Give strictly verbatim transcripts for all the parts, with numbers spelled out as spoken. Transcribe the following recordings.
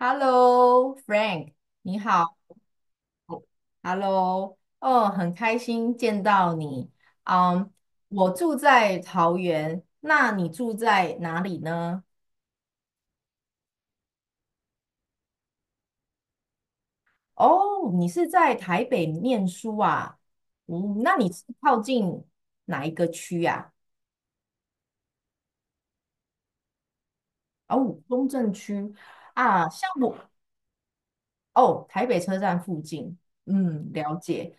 Hello,Frank,你好。Hello,哦，很开心见到你。嗯，我住在桃园，那你住在哪里呢？哦，你是在台北念书啊？嗯，那你是靠近哪一个区呀、啊？哦，中正区啊，像我，哦，台北车站附近，嗯，了解。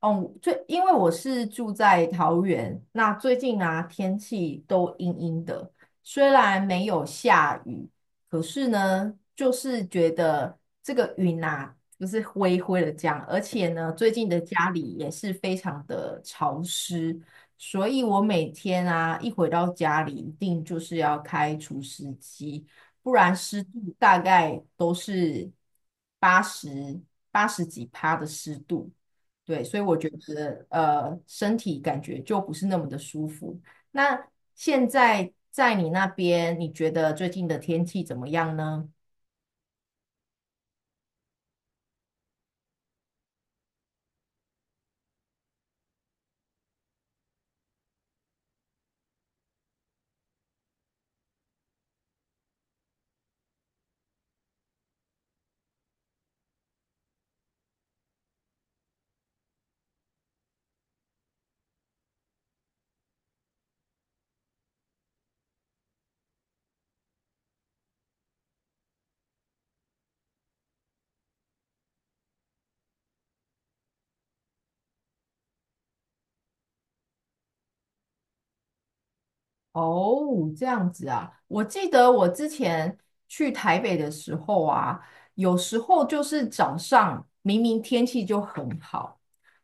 哦，最因为我是住在桃园，那最近啊天气都阴阴的，虽然没有下雨，可是呢，就是觉得这个云啊就是灰灰的这样，而且呢，最近的家里也是非常的潮湿，所以我每天啊一回到家里，一定就是要开除湿机。不然湿度大概都是八十八十几趴的湿度，对，所以我觉得呃身体感觉就不是那么的舒服。那现在在你那边，你觉得最近的天气怎么样呢？哦，这样子啊，我记得我之前去台北的时候啊，有时候就是早上明明天气就很好。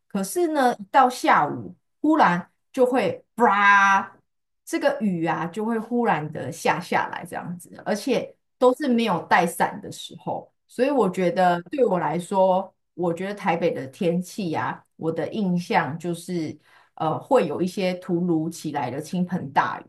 可是呢，一到下午忽然就会吧，这个雨啊就会忽然的下下来这样子，而且都是没有带伞的时候，所以我觉得对我来说，我觉得台北的天气啊，我的印象就是呃会有一些突如其来的倾盆大雨。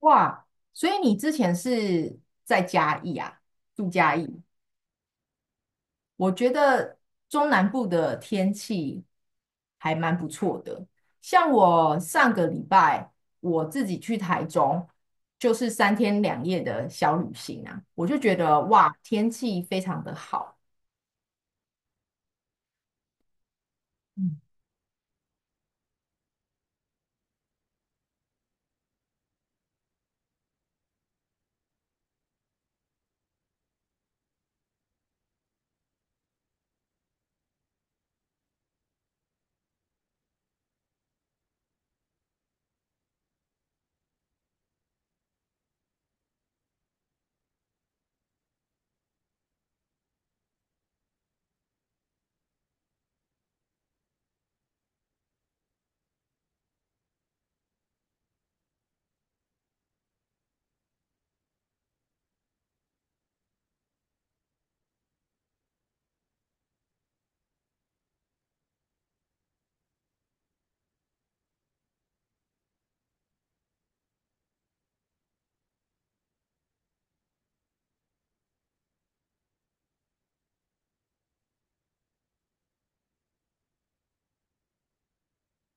哇，所以你之前是在嘉义啊，住嘉义。我觉得中南部的天气还蛮不错的。像我上个礼拜我自己去台中，就是三天两夜的小旅行啊，我就觉得哇，天气非常的好。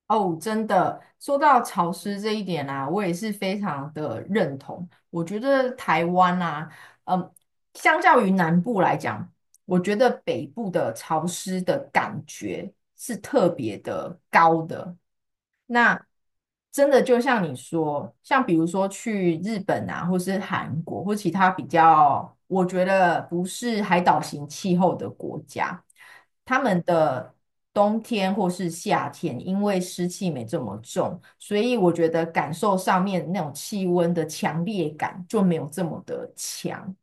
哦，真的，说到潮湿这一点啊，我也是非常的认同。我觉得台湾啊，嗯，相较于南部来讲，我觉得北部的潮湿的感觉是特别的高的。那真的就像你说，像比如说去日本啊，或是韩国，或其他比较我觉得不是海岛型气候的国家，他们的冬天或是夏天，因为湿气没这么重，所以我觉得感受上面那种气温的强烈感就没有这么的强。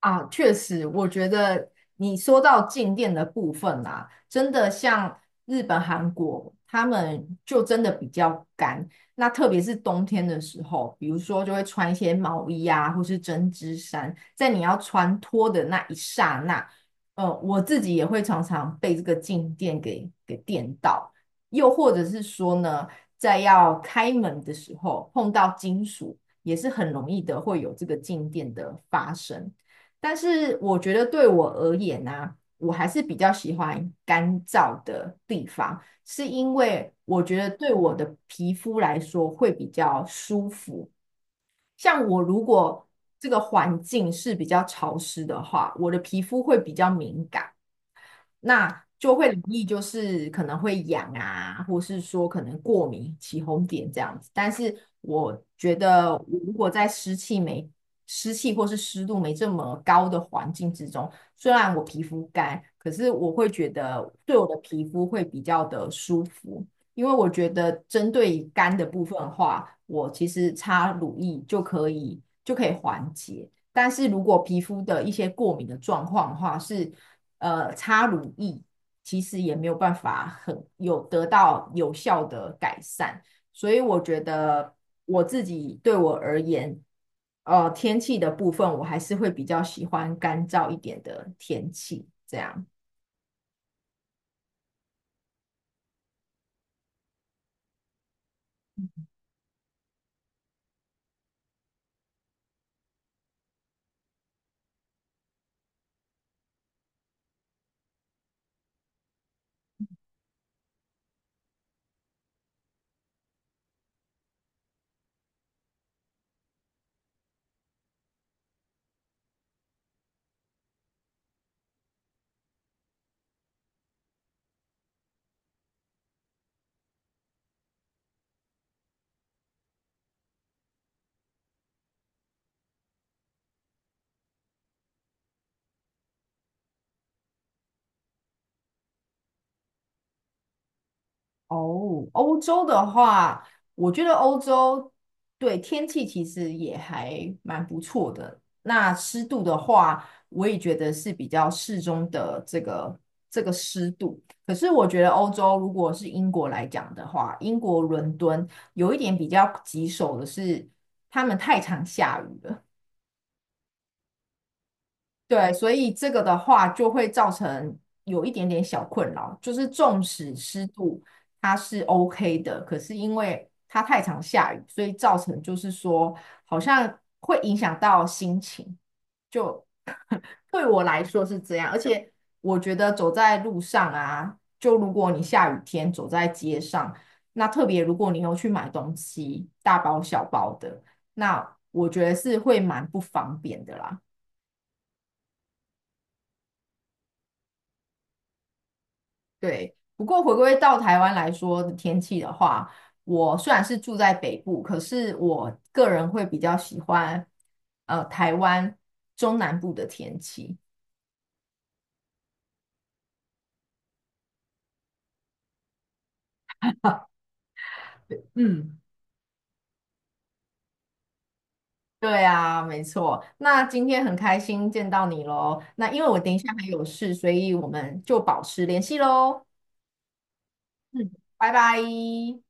啊，确实，我觉得你说到静电的部分啦，真的像日本、韩国，他们就真的比较干。那特别是冬天的时候，比如说就会穿一些毛衣啊，或是针织衫，在你要穿脱的那一刹那，呃，我自己也会常常被这个静电给给电到，又或者是说呢，在要开门的时候碰到金属，也是很容易的会有这个静电的发生。但是我觉得对我而言呢、啊我还是比较喜欢干燥的地方，是因为我觉得对我的皮肤来说会比较舒服。像我如果这个环境是比较潮湿的话，我的皮肤会比较敏感。那就会容易就是可能会痒啊，或是说可能过敏、起红点这样子。但是我觉得，如果在湿气没湿气或是湿度没这么高的环境之中，虽然我皮肤干，可是我会觉得对我的皮肤会比较的舒服。因为我觉得针对于肝的部分的话，我其实擦乳液就可以就可以缓解。但是如果皮肤的一些过敏的状况的话，是呃擦乳液其实也没有办法很有得到有效的改善，所以我觉得我自己对我而言，呃天气的部分我还是会比较喜欢干燥一点的天气，这样。哦，欧洲的话，我觉得欧洲对天气其实也还蛮不错的。那湿度的话，我也觉得是比较适中的这个这个湿度。可是我觉得欧洲如果是英国来讲的话，英国伦敦有一点比较棘手的是，他们太常下雨了。对，所以这个的话就会造成有一点点小困扰，就是纵使湿度它是 O K 的，可是因为它太常下雨，所以造成就是说好像会影响到心情，就 对我来说是这样。而且我觉得走在路上啊，就如果你下雨天走在街上，那特别如果你有去买东西，大包小包的，那我觉得是会蛮不方便的啦。对，不过回归到台湾来说的天气的话，我虽然是住在北部，可是我个人会比较喜欢呃台湾中南部的天气。嗯，对啊，没错。那今天很开心见到你喽。那因为我等一下还有事，所以我们就保持联系喽。嗯，拜拜。